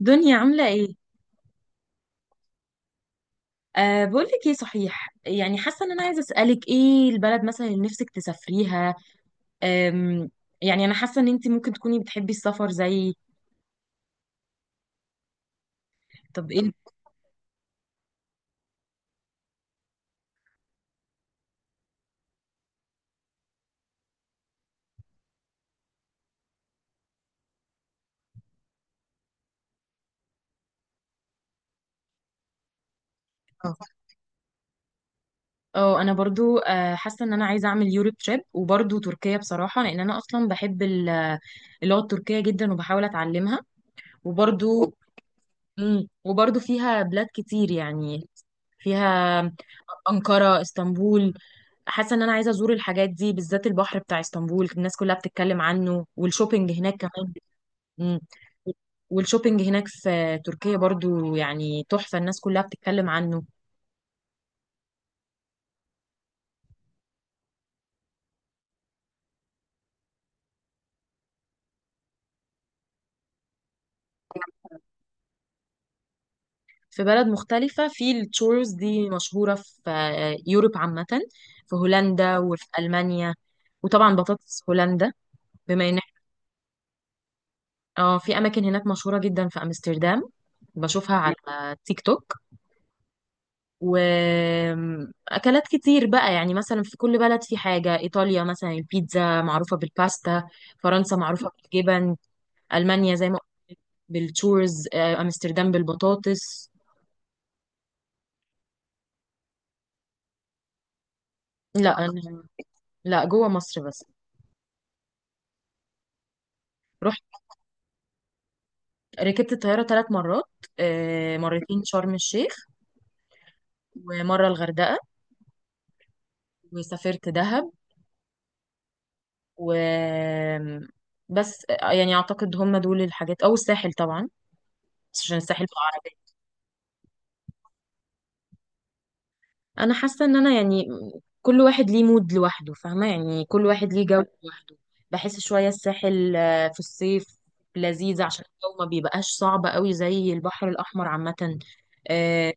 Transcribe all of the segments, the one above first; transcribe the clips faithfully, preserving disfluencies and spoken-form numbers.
دنيا عاملة ايه؟ أه بقولك ايه، صحيح، يعني حاسة ان انا عايزة اسألك ايه البلد مثلا اللي نفسك تسافريها. أم يعني انا حاسة ان انتي ممكن تكوني بتحبي السفر زي طب ايه. اه اه انا برضو آه، حاسة ان انا عايزة اعمل يوروب تريب، وبرضو تركيا بصراحة، لان انا اصلا بحب ال- اللغة التركية جدا، وبحاول اتعلمها. وبرضو مم، وبرضو فيها بلاد كتير يعني، فيها أنقرة، اسطنبول. حاسه ان انا عايزه ازور الحاجات دي، بالذات البحر بتاع اسطنبول، الناس كلها بتتكلم عنه، والشوبينج هناك كمان. مم. والشوبينج هناك في تركيا برضو، يعني تحفه، الناس كلها بتتكلم عنه. في بلد مختلفه، في التورز دي مشهوره في آه، يوروب عامه، في هولندا وفي المانيا، وطبعا بطاطس هولندا. بما ان إح- اه، في اماكن هناك مشهوره جدا في امستردام، بشوفها على تيك توك. واكلات كتير بقى، يعني مثلا في كل بلد في حاجه، ايطاليا مثلا البيتزا، معروفه بالباستا، فرنسا معروفه بالجبن، المانيا زي ما قلت بالتشورز، آه، امستردام بالبطاطس. لا، انا، لا، جوه مصر بس. رحت، ركبت الطياره ثلاث مرات، آه، مرتين شرم الشيخ، ومره الغردقه. وسافرت دهب. و بس، آه، يعني اعتقد هم دول الحاجات، او الساحل طبعا، بس عشان الساحل انا حاسه ان انا يعني كل واحد ليه مود لوحده، فاهمه؟ يعني كل واحد ليه جو لوحده. بحس شويه الساحل آه، في الصيف لذيذ، عشان الجو ما بيبقاش صعب قوي زي البحر الاحمر عامه. آه،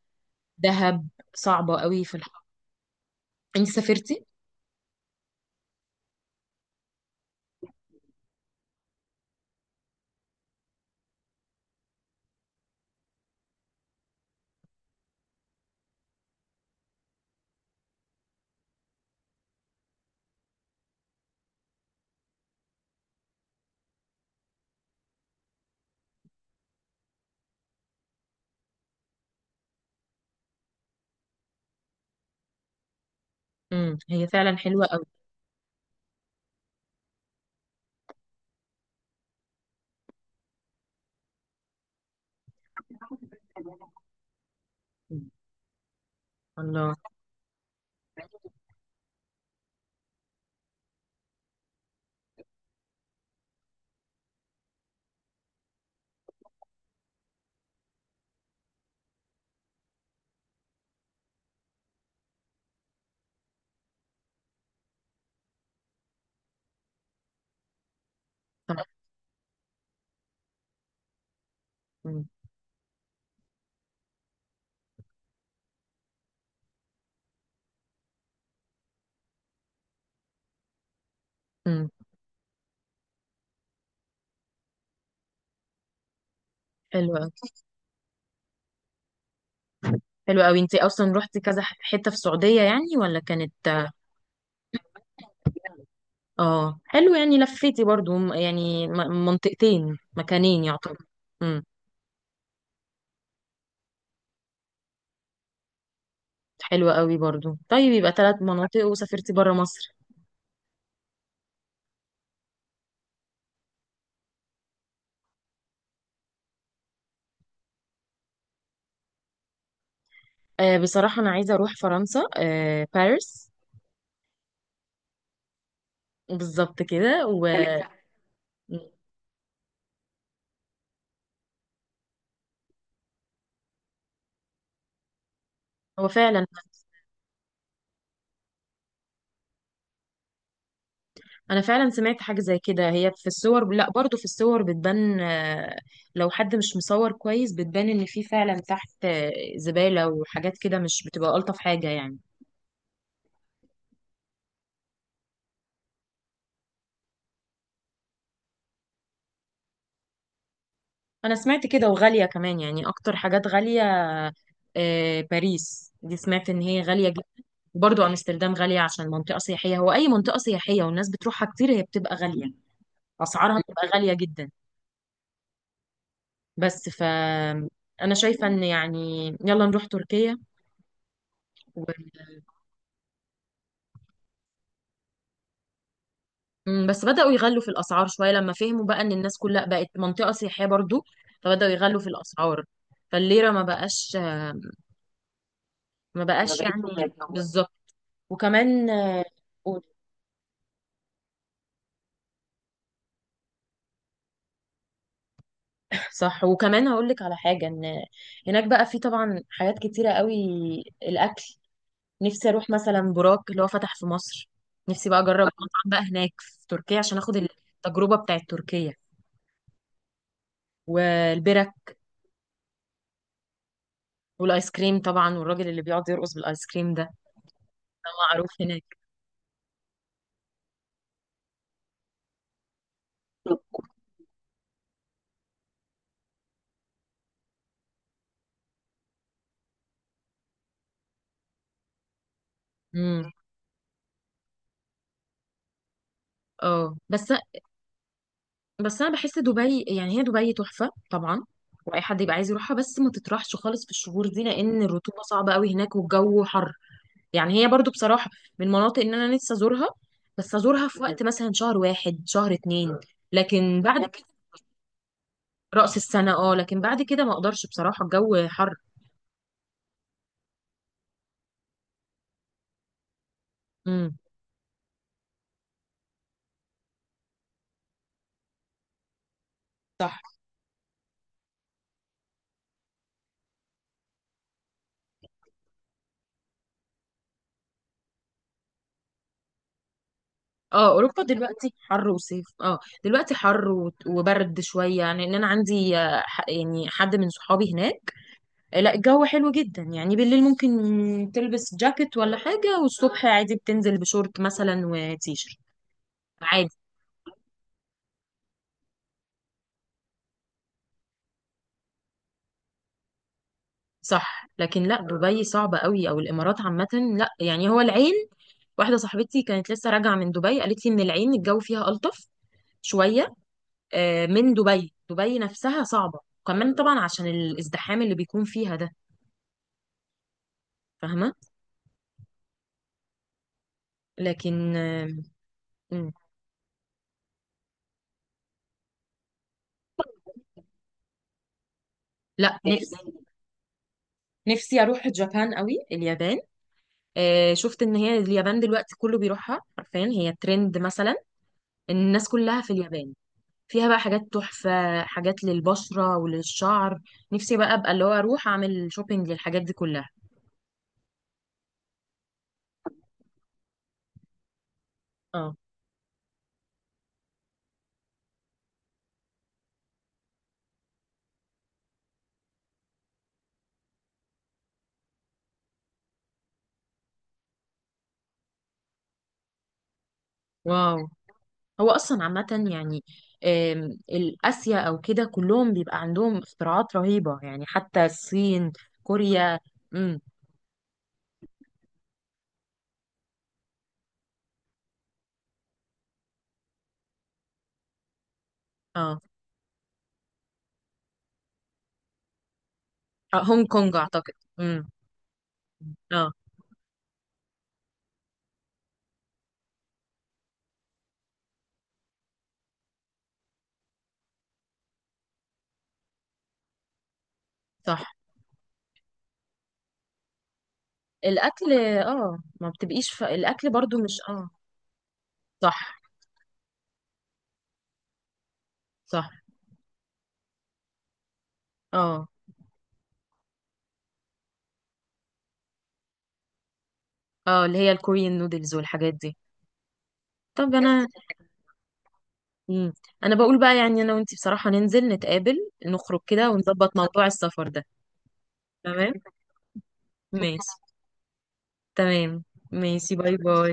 دهب صعبه قوي في الحر. انت سافرتي؟ امم هي فعلا حلوه قوي. مم. الله. طب. مم. مم. حلوه قوي، حلوه قوي. انت اصلا رحتي كذا ح- حته في السعوديه، يعني، ولا كانت؟ اه، حلو. يعني لفيتي برضو م- يعني م- منطقتين، مكانين يعتبر. امم. حلوة قوي برضو. طيب، يبقى ثلاث مناطق وسافرتي برا مصر. آه بصراحة، أنا عايزة أروح فرنسا، آه باريس، بالظبط كده، وهو فعلا. أنا فعلا سمعت حاجة زي كده. هي في الصور، لا، برضو في الصور بتبان، آه لو حد مش مصور كويس بتبان إن في فعلا تحت آه زبالة وحاجات كده، مش بتبقى ألطف حاجة يعني. انا سمعت كده، وغالية كمان يعني، اكتر حاجات غالية. آه، باريس دي سمعت ان هي غالية جدا. برضو امستردام غالية، عشان منطقة سياحية، هو اي منطقة سياحية والناس بتروحها كتير هي بتبقى غالية، اسعارها بتبقى غالية جدا. بس ف انا شايفة ان يعني يلا نروح تركيا. و... مم، بس بدأوا يغلوا في الاسعار شوية، لما فهموا بقى ان الناس كلها بقت، منطقة سياحية برضو، فبدأوا يغلوا في الاسعار. فالليرة ما بقاش ما ما بقاش بقتش يعني غالية. بالظبط. وكمان، صح. وكمان هقول لك على حاجة، ان هناك بقى في طبعا حاجات كتيرة قوي، الاكل. نفسي اروح مثلا براك، اللي هو فتح في مصر، نفسي بقى اجرب مطعم بقى هناك في تركيا، عشان اخد التجربة بتاعت تركيا. والبرك، والايس كريم طبعا، والراجل اللي بيقعد يرقص بالايس كريم ده، ده معروف هناك. امم. اه بس، بس انا بحس دبي، يعني هي دبي تحفة طبعا، واي حد يبقى عايز يروحها، بس ما تطرحش خالص في الشهور دي، لان الرطوبة صعبة قوي هناك، والجو حر. يعني هي برضو بصراحة من مناطق ان انا نفسي ازورها، بس ازورها في وقت مثلا شهر واحد، شهر اتنين، لكن بعد كده رأس السنة، اه، لكن بعد كده ما اقدرش بصراحة، الجو حر. امم. صح. اه اوروبا دلوقتي حر وصيف، اه دلوقتي حر و- وبرد شويه، يعني ان انا عندي آه، ح- يعني حد من صحابي هناك. آه، لا الجو حلو جدا يعني، بالليل ممكن تلبس جاكيت ولا حاجه، والصبح عادي بتنزل بشورت مثلا وتيشرت عادي. صح، لكن لا، دبي صعبة قوي، او الامارات عامة. لا يعني، هو العين، واحدة صاحبتي كانت لسه راجعة من دبي، قالت لي ان العين الجو فيها ألطف شوية آه، من دبي، دبي نفسها صعبة، كمان طبعا عشان الازدحام اللي بيكون فيها ده، فاهمة. لكن آه، مم. لا، نفسي، نفسي اروح جابان قوي، اليابان. آه، شفت ان هي اليابان دلوقتي كله بيروحها، حرفيا هي ترند مثلا، الناس كلها في اليابان، فيها بقى حاجات تحفة، حاجات للبشرة وللشعر. نفسي بقى ابقى اللي هو اروح اعمل شوبينج للحاجات دي كلها. اه. واو. هو اصلا عامة يعني آم، الاسيا او كده، كلهم بيبقى عندهم اختراعات رهيبة، يعني حتى الصين، كوريا. امم. اه. آه، هونج كونج اعتقد. امم. اه. صح، الاكل. اه ما بتبقيش ف... الاكل برضو مش، اه. صح. صح. اه. اه اللي هي الكوريين، نودلز والحاجات دي. طب انا، امم، انا بقول بقى يعني انا وانتي بصراحة ننزل نتقابل، نخرج كده ونظبط موضوع السفر ده. تمام، ماشي. تمام، ماشي، باي باي.